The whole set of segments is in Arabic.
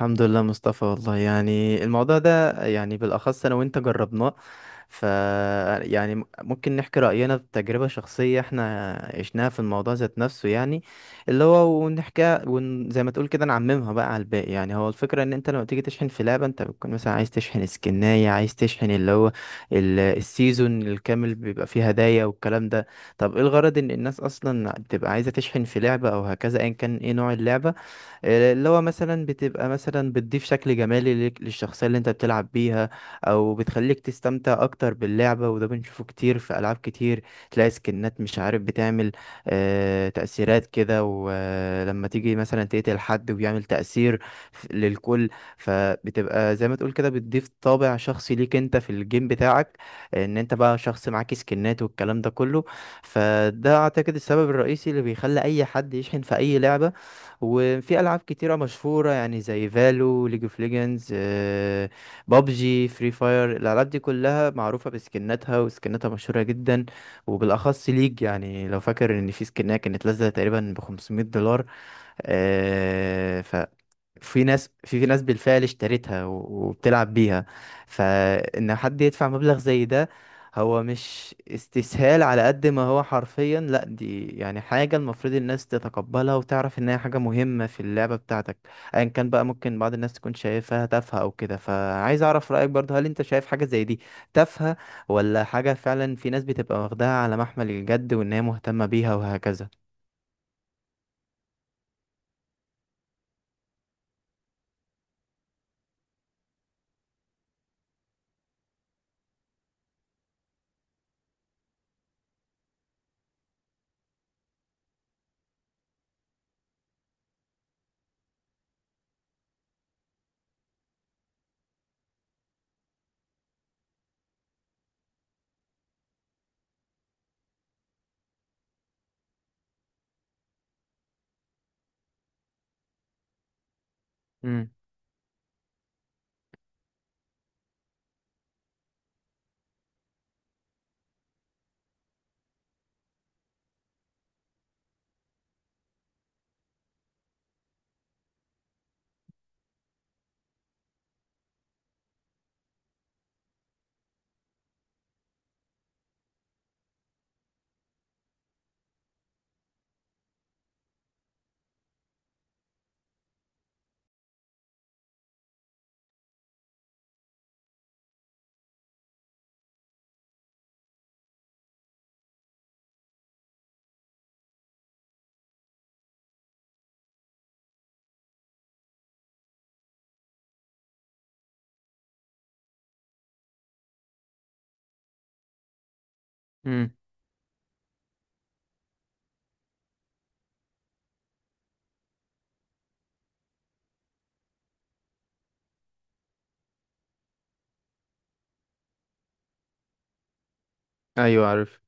الحمد لله مصطفى، والله يعني الموضوع ده يعني بالأخص أنا وأنت جربناه، ف يعني ممكن نحكي رأينا بتجربة شخصية احنا عشناها في الموضوع ذات نفسه، يعني اللي هو زي ما تقول كده نعممها بقى على الباقي. يعني هو الفكرة إن أنت لما تيجي تشحن في لعبة أنت بتكون مثلا عايز تشحن سكناية، عايز تشحن اللي هو السيزون الكامل بيبقى فيه هدايا والكلام ده. طب إيه الغرض إن الناس أصلا بتبقى عايزة تشحن في لعبة أو هكذا، أيا كان إيه نوع اللعبة؟ اللي هو مثلا بتبقى مثلا بتضيف شكل جمالي للشخصية اللي انت بتلعب بيها، او بتخليك تستمتع اكتر باللعبة. وده بنشوفه كتير في العاب كتير، تلاقي سكنات مش عارف بتعمل تأثيرات كده، ولما تيجي مثلا تقتل حد وبيعمل تأثير للكل. فبتبقى زي ما تقول كده بتضيف طابع شخصي ليك انت في الجيم بتاعك، ان انت بقى شخص معاك سكنات والكلام ده كله. فده اعتقد السبب الرئيسي اللي بيخلي اي حد يشحن في اي لعبة. وفي العاب كتيره مشهوره يعني زي فالو، ليج اوف ليجندز، بابجي، فري فاير، الالعاب دي كلها معروفه بسكناتها وسكناتها مشهوره جدا. وبالاخص ليج، يعني لو فاكر ان في سكنها كانت نازله تقريبا ب 500 دولار، في ناس بالفعل اشترتها وبتلعب بيها. فإن حد يدفع مبلغ زي ده هو مش استسهال، على قد ما هو حرفيا لا دي يعني حاجة المفروض الناس تتقبلها وتعرف إن هي حاجة مهمة في اللعبة بتاعتك أيا كان بقى. ممكن بعض الناس تكون شايفها تافهة أو كده، فعايز أعرف رأيك برضه، هل أنت شايف حاجة زي دي تافهة، ولا حاجة فعلا في ناس بتبقى واخداها على محمل الجد وإن هي مهتمة بيها وهكذا؟ امم. امم. ايوه عارف.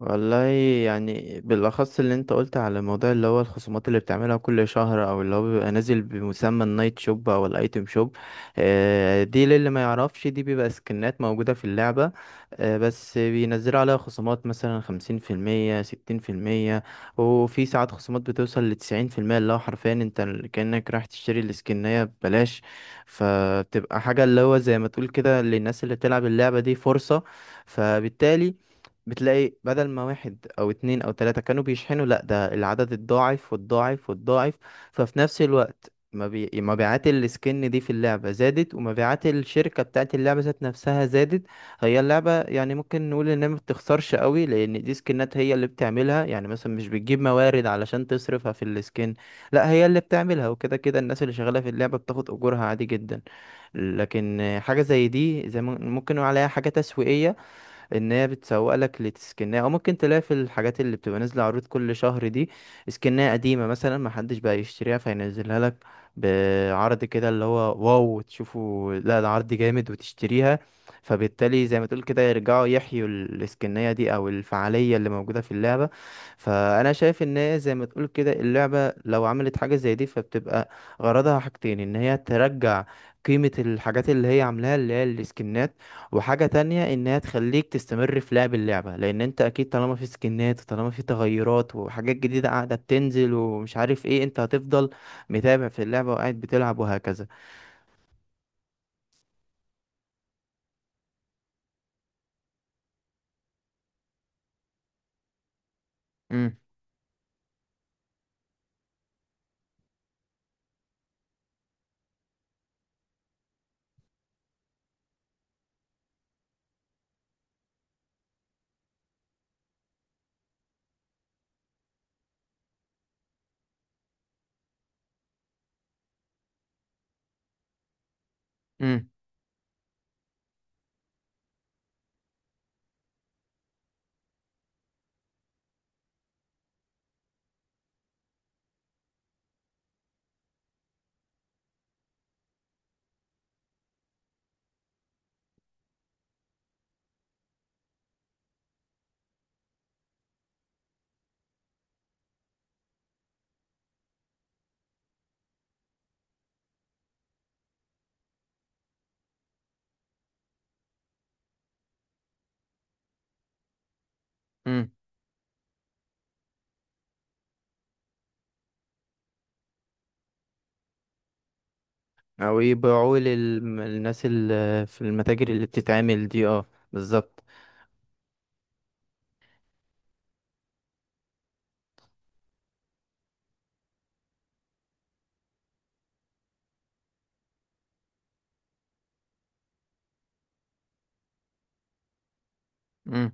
والله يعني بالأخص اللي انت قلت على الموضوع اللي هو الخصومات اللي بتعملها كل شهر، أو اللي هو بيبقى نازل بمسمى النايت شوب أو الأيتم شوب، دي للي ما يعرفش دي بيبقى سكنات موجودة في اللعبة، بس بينزلوا عليها خصومات مثلا 50%، 60%. وفي ساعات خصومات بتوصل لتسعين في المية، اللي هو حرفيا انت كأنك رايح تشتري السكنية ببلاش. فبتبقى حاجة اللي هو زي ما تقول كده للناس اللي بتلعب اللعبة دي فرصة. فبالتالي بتلاقي بدل ما واحد او اتنين او تلاتة كانوا بيشحنوا، لا ده العدد الضاعف والضاعف والضاعف. ففي نفس الوقت مبيعات السكن دي في اللعبة زادت، ومبيعات الشركة بتاعت اللعبة ذات نفسها زادت. هي اللعبة يعني ممكن نقول انها ما بتخسرش قوي، لان دي سكنات هي اللي بتعملها، يعني مثلا مش بتجيب موارد علشان تصرفها في السكن، لا هي اللي بتعملها، وكده كده الناس اللي شغالة في اللعبة بتاخد اجورها عادي جدا. لكن حاجة زي دي زي ما- ممكن نقول عليها حاجة تسويقية، ان هي بتسوق لك لسكنها. او ممكن تلاقي في الحاجات اللي بتبقى نازله عروض كل شهر دي، سكنها قديمه مثلا ما حدش بقى يشتريها فينزلها لك بعرض كده اللي هو واو تشوفوا لا ده عرض جامد وتشتريها. فبالتالي زي ما تقول كده يرجعوا يحيوا السكنية دي او الفعالية اللي موجودة في اللعبة. فانا شايف ان هي زي ما تقول كده اللعبة لو عملت حاجة زي دي فبتبقى غرضها حاجتين، ان هي ترجع قيمة الحاجات اللي هي عاملاها اللي هي السكنات، وحاجة تانية إنها تخليك تستمر في لعب اللعبة، لأن أنت أكيد طالما في سكنات وطالما في تغيرات وحاجات جديدة قاعدة بتنزل ومش عارف إيه، أنت هتفضل متابع في اللعبة وقاعد بتلعب وهكذا. أمم. أمم. أمم. أو يبيعوه للناس اللي في المتاجر اللي بتتعمل دي، اه. بالظبط. أمم.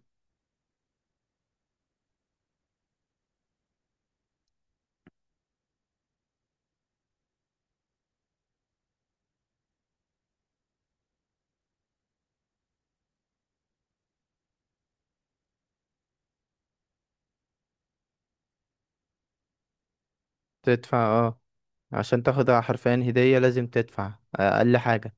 تدفع اه، عشان تاخد حرفيا هدية لازم تدفع أقل حاجة.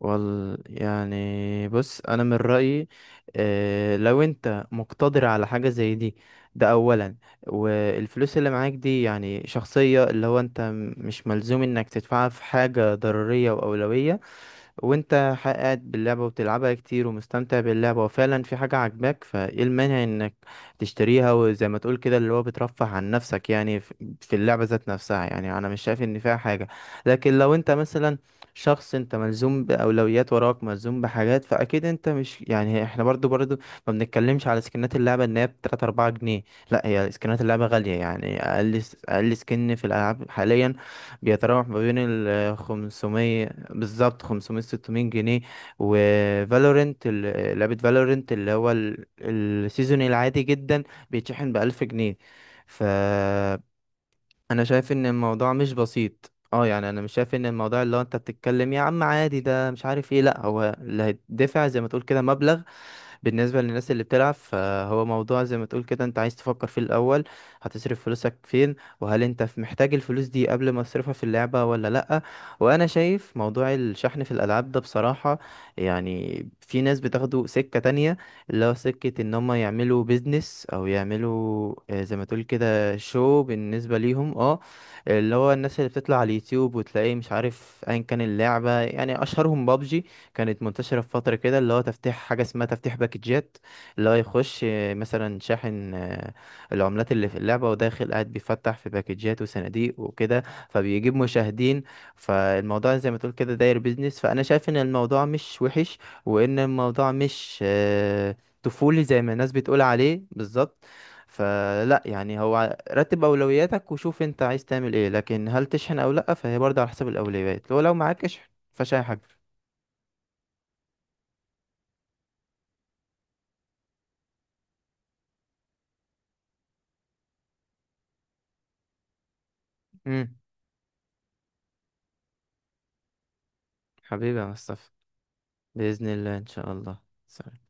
وال يعني بص انا من رايي، لو انت مقتدر على حاجه زي دي، ده اولا. والفلوس اللي معاك دي يعني شخصيه، اللي هو انت مش ملزوم انك تدفعها في حاجه ضروريه واولويه. وانت قاعد باللعبة وبتلعبها كتير ومستمتع باللعبة وفعلا في حاجة عاجباك، فايه المانع انك تشتريها، وزي ما تقول كده اللي هو بترفه عن نفسك يعني في اللعبة ذات نفسها. يعني انا مش شايف ان فيها حاجة. لكن لو انت مثلا شخص انت ملزوم بأولويات وراك ملزوم بحاجات، فاكيد انت مش يعني، احنا برضو برضو ما بنتكلمش على سكنات اللعبة ان هي ب 3 4 جنيه، لا هي سكنات اللعبة غالية، يعني اقل اقل سكن في الالعاب حاليا بيتراوح ما بين ال 500، بالظبط 500 600 جنيه. وفالورنت، لعبة فالورنت اللي هو السيزون العادي جدا بيتشحن ب1000 جنيه. فأنا شايف إن الموضوع مش بسيط اه، يعني انا مش شايف ان الموضوع اللي هو انت بتتكلم يا عم عادي ده مش عارف ايه، لا هو اللي هيدفع زي ما تقول كده مبلغ بالنسبة للناس اللي بتلعب. فهو موضوع زي ما تقول كده انت عايز تفكر فيه الأول، هتصرف فلوسك فين وهل انت محتاج الفلوس دي قبل ما تصرفها في اللعبة ولا لأ. وأنا شايف موضوع الشحن في الألعاب ده بصراحة يعني في ناس بتاخده سكة تانية، اللي هو سكة ان هم يعملوا بيزنس او يعملوا زي ما تقول كده شو بالنسبة ليهم اه. اللي هو الناس اللي بتطلع على اليوتيوب وتلاقيه مش عارف ايا كان اللعبة، يعني اشهرهم بابجي، كانت منتشرة في فترة كده اللي هو تفتيح حاجة اسمها تفتيح باكجات، اللي هو يخش مثلا شاحن العملات اللي في اللعبة وداخل قاعد بيفتح في باكجات وصناديق وكده، فبيجيب مشاهدين. فالموضوع زي ما تقول كده داير بيزنس، فأنا شايف إن الموضوع مش وحش، وإن الموضوع مش طفولي زي ما الناس بتقول عليه بالظبط. فلا يعني، هو رتب أولوياتك وشوف أنت عايز تعمل إيه، لكن هل تشحن أو لأ فهي برضه على حسب الأولويات، لو معاك اشحن. فشاي حاجة. حبيبي يا مصطفى، بإذن الله إن شاء الله. سلام.